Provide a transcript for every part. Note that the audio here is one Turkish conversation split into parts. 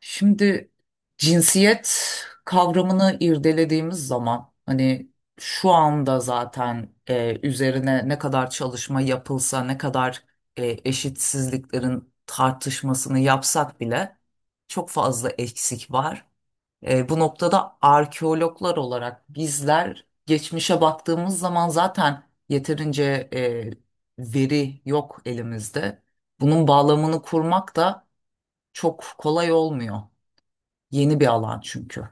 Şimdi cinsiyet kavramını irdelediğimiz zaman hani şu anda zaten üzerine ne kadar çalışma yapılsa ne kadar eşitsizliklerin tartışmasını yapsak bile çok fazla eksik var. Bu noktada arkeologlar olarak bizler geçmişe baktığımız zaman zaten yeterince veri yok elimizde. Bunun bağlamını kurmak da çok kolay olmuyor. Yeni bir alan çünkü.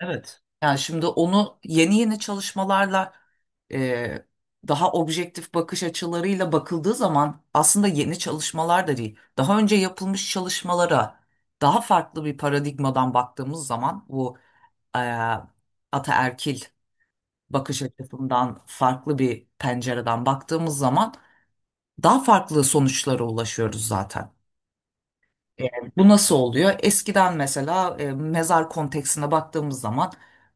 Evet. Yani şimdi onu yeni yeni çalışmalarla e, daha objektif bakış açılarıyla bakıldığı zaman aslında yeni çalışmalar da değil. Daha önce yapılmış çalışmalara daha farklı bir paradigmadan baktığımız zaman bu e, ataerkil bakış açısından farklı bir pencereden baktığımız zaman daha farklı sonuçlara ulaşıyoruz zaten. E, Bu nasıl oluyor? Eskiden mesela mezar konteksine baktığımız zaman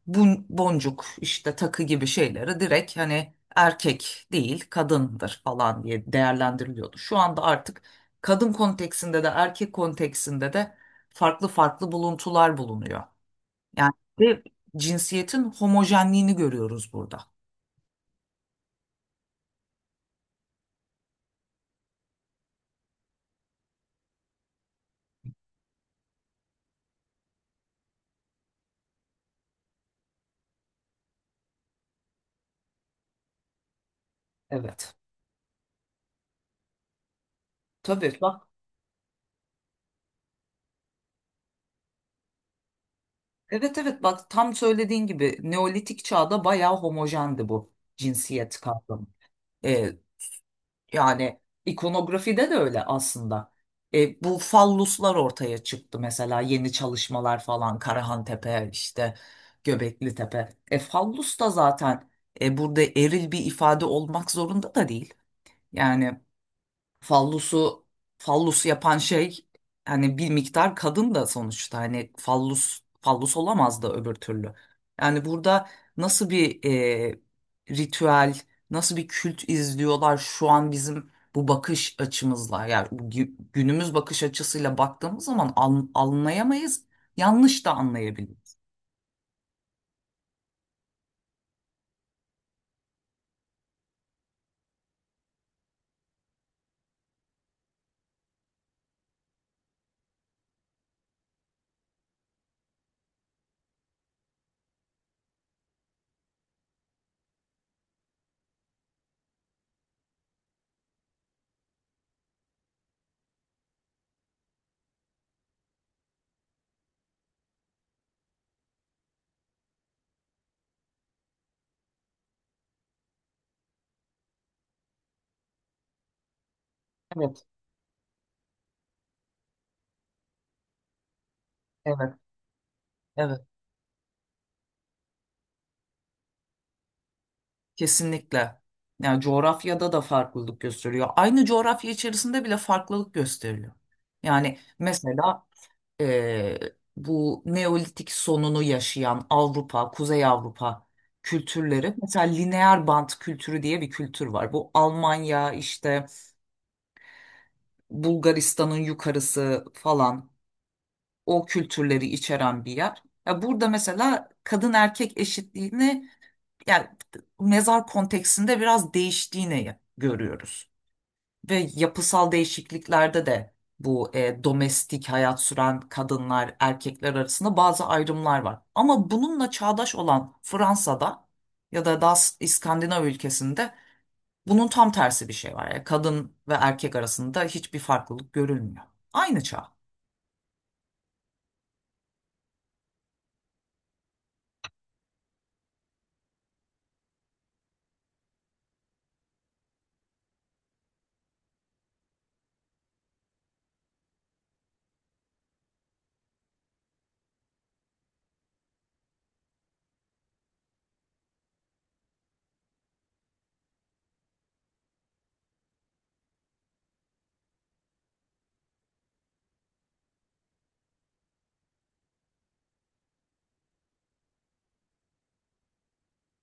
bu boncuk işte takı gibi şeyleri direkt hani erkek değil kadındır falan diye değerlendiriliyordu. Şu anda artık kadın konteksinde de erkek konteksinde de farklı farklı buluntular bulunuyor. Yani ve cinsiyetin homojenliğini görüyoruz burada. Evet. Tabii bak. Evet, evet, bak tam söylediğin gibi Neolitik çağda bayağı homojendi bu cinsiyet kavramı. Ee, Yani ikonografide de öyle aslında. Bu falluslar ortaya çıktı mesela yeni çalışmalar falan Karahan Tepe işte Göbekli Tepe. Fallus da zaten burada eril bir ifade olmak zorunda da değil. Yani fallusu fallusu yapan şey hani bir miktar kadın da sonuçta hani fallus fallus olamaz da öbür türlü. Yani burada nasıl bir e, ritüel, nasıl bir kült izliyorlar şu an bizim bu bakış açımızla yani bu günümüz bakış açısıyla baktığımız zaman anlayamayız, yanlış da anlayabiliriz. Evet, evet, evet. Kesinlikle. Yani coğrafyada da farklılık gösteriyor. Aynı coğrafya içerisinde bile farklılık gösteriyor. Yani mesela eee, bu Neolitik sonunu yaşayan Avrupa, Kuzey Avrupa kültürleri mesela lineer bant kültürü diye bir kültür var. Bu Almanya işte Bulgaristan'ın yukarısı falan o kültürleri içeren bir yer. Ya burada mesela kadın erkek eşitliğini yani mezar konteksinde biraz değiştiğini görüyoruz. Ve yapısal değişikliklerde de bu domestik hayat süren kadınlar, erkekler arasında bazı ayrımlar var. Ama bununla çağdaş olan Fransa'da ya da daha İskandinav ülkesinde bunun tam tersi bir şey var. Yani kadın ve erkek arasında hiçbir farklılık görülmüyor. Aynı çağ.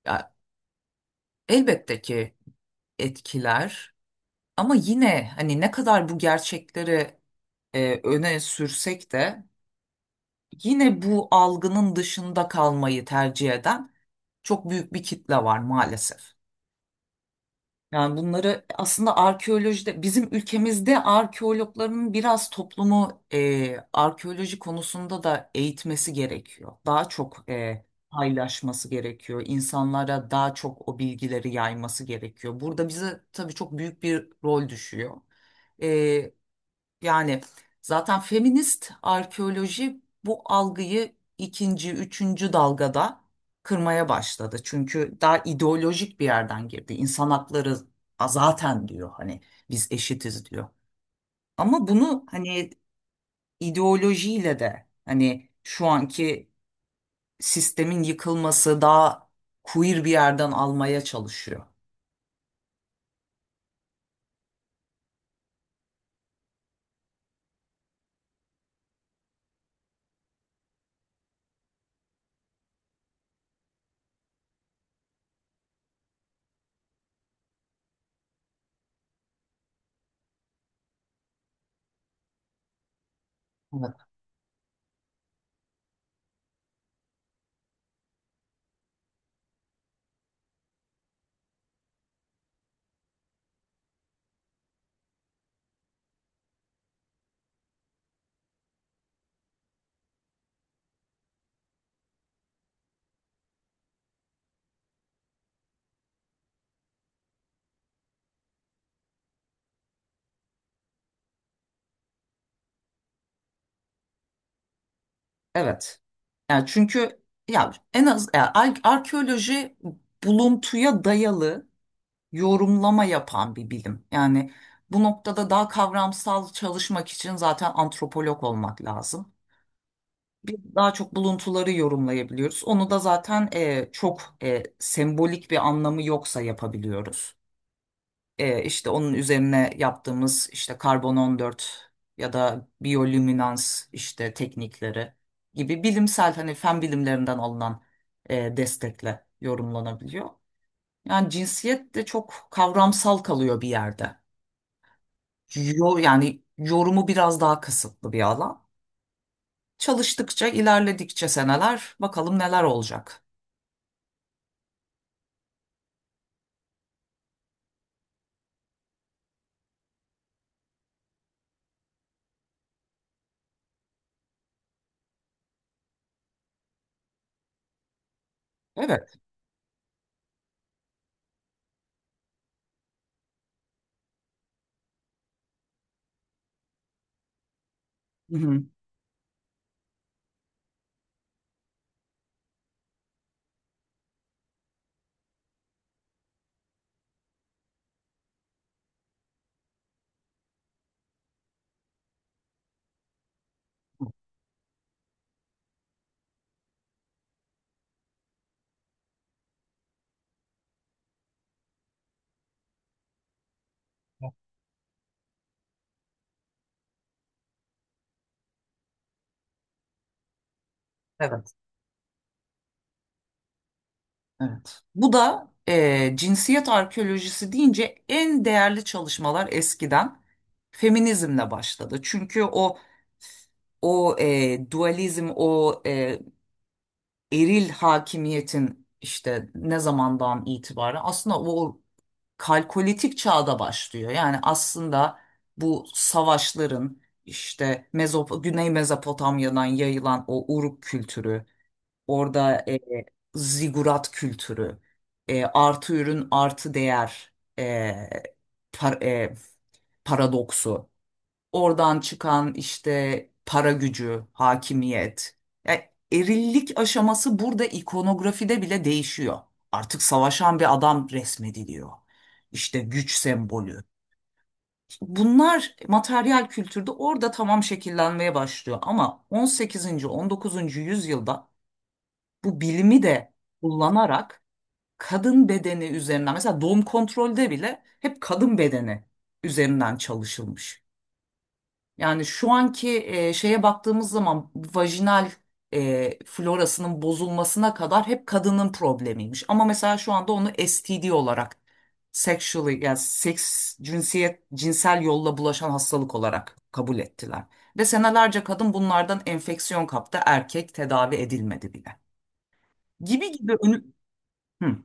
Ya, elbette ki etkiler ama yine hani ne kadar bu gerçekleri öne sürsek de yine bu algının dışında kalmayı tercih eden çok büyük bir kitle var maalesef. Yani bunları aslında arkeolojide bizim ülkemizde arkeologların biraz toplumu arkeoloji konusunda da eğitmesi gerekiyor. Daha çok paylaşması gerekiyor. İnsanlara daha çok o bilgileri yayması gerekiyor. Burada bize tabii çok büyük bir rol düşüyor. E, Yani zaten feminist arkeoloji bu algıyı ikinci, üçüncü dalgada kırmaya başladı. Çünkü daha ideolojik bir yerden girdi. İnsan hakları zaten diyor hani biz eşitiz diyor. Ama bunu hani ideolojiyle de hani şu anki sistemin yıkılması daha queer bir yerden almaya çalışıyor. Evet. Evet. Yani çünkü ya en az ya arkeoloji buluntuya dayalı yorumlama yapan bir bilim. Yani bu noktada daha kavramsal çalışmak için zaten antropolog olmak lazım. Biz daha çok buluntuları yorumlayabiliyoruz. Onu da zaten çok sembolik bir anlamı yoksa yapabiliyoruz. İşte onun üzerine yaptığımız işte karbon 14 ya da biyolüminans işte teknikleri gibi bilimsel hani fen bilimlerinden alınan destekle yorumlanabiliyor. Yani cinsiyet de çok kavramsal kalıyor bir yerde. Yo, yani yorumu biraz daha kısıtlı bir alan. Çalıştıkça, ilerledikçe seneler bakalım neler olacak. Evet. Hı hı. Evet. Evet. Bu da cinsiyet arkeolojisi deyince en değerli çalışmalar eskiden feminizmle başladı. Çünkü o dualizm, o eril hakimiyetin işte ne zamandan itibaren aslında o kalkolitik çağda başlıyor. Yani aslında bu savaşların işte Mezop Güney Mezopotamya'dan yayılan o Uruk kültürü, orada zigurat kültürü, artı ürün artı değer e, par- e, paradoksu. Oradan çıkan işte para gücü, hakimiyet. Yani erillik aşaması burada ikonografide bile değişiyor. Artık savaşan bir adam resmediliyor. İşte güç sembolü. Bunlar materyal kültürde orada tamam şekillenmeye başlıyor ama 18. 19. yüzyılda bu bilimi de kullanarak kadın bedeni üzerinden mesela doğum kontrolde bile hep kadın bedeni üzerinden çalışılmış. Yani şu anki şeye baktığımız zaman vajinal florasının bozulmasına kadar hep kadının problemiymiş. Ama mesela şu anda onu STD olarak sexually yani seks cinsiyet cinsel yolla bulaşan hastalık olarak kabul ettiler. Ve senelerce kadın bunlardan enfeksiyon kaptı, erkek tedavi edilmedi bile. Gibi gibi önü... Hı,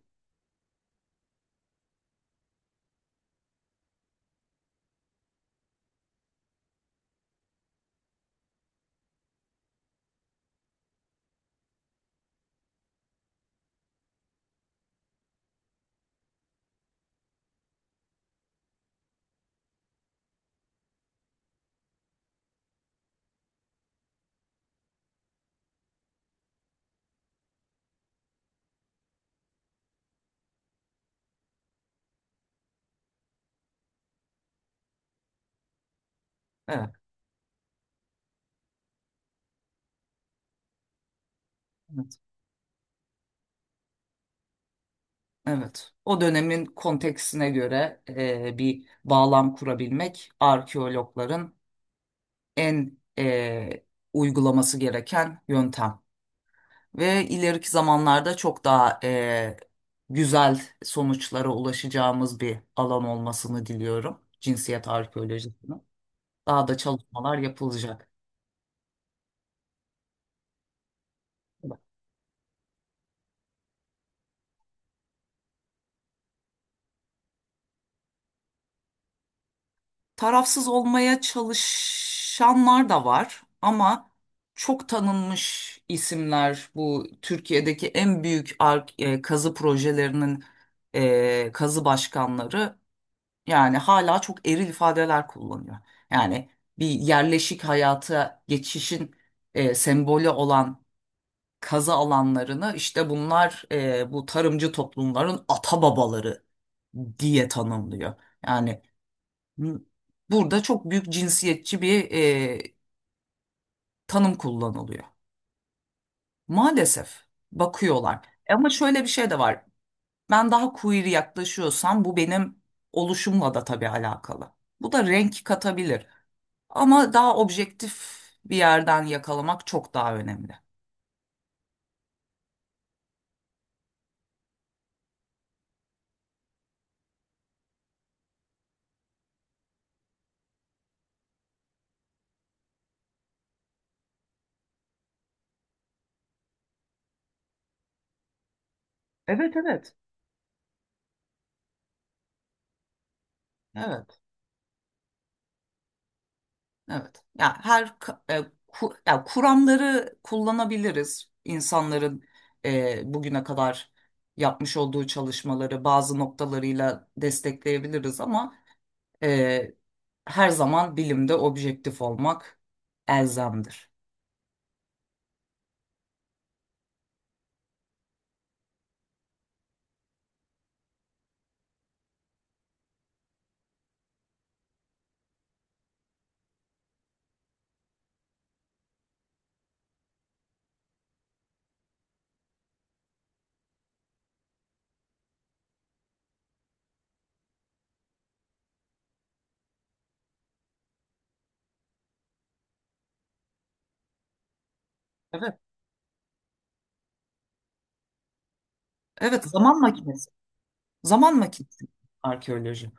evet, evet, evet. O dönemin konteksine göre bir bağlam kurabilmek arkeologların en uygulaması gereken yöntem. Ve ileriki zamanlarda çok daha güzel sonuçlara ulaşacağımız bir alan olmasını diliyorum. Cinsiyet arkeolojisinin. Daha da çalışmalar yapılacak. Tarafsız olmaya çalışanlar da var ama çok tanınmış isimler bu Türkiye'deki en büyük kazı projelerinin kazı başkanları. Yani hala çok eril ifadeler kullanıyor. Yani bir yerleşik hayata geçişin sembolü olan kazı alanlarını işte bunlar bu tarımcı toplumların ata babaları diye tanımlıyor. Yani m- burada çok büyük cinsiyetçi bir tanım kullanılıyor. Maalesef bakıyorlar. Ama şöyle bir şey de var. Ben daha queer yaklaşıyorsam bu benim oluşumla da tabii alakalı. Bu da renk katabilir. Ama daha objektif bir yerden yakalamak çok daha önemli. Evet, evet. Evet. Evet. Ya her ya kuramları kullanabiliriz. İnsanların bugüne kadar yapmış olduğu çalışmaları bazı noktalarıyla destekleyebiliriz ama e, her zaman bilimde objektif olmak elzemdir. Evet. Evet, zaman makinesi. Zaman makinesi arkeoloji.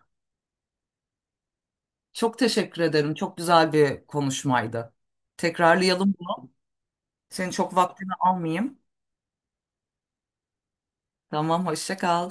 Çok teşekkür ederim. Çok güzel bir konuşmaydı. Tekrarlayalım bunu. Senin çok vaktini almayayım. Tamam, hoşça kal.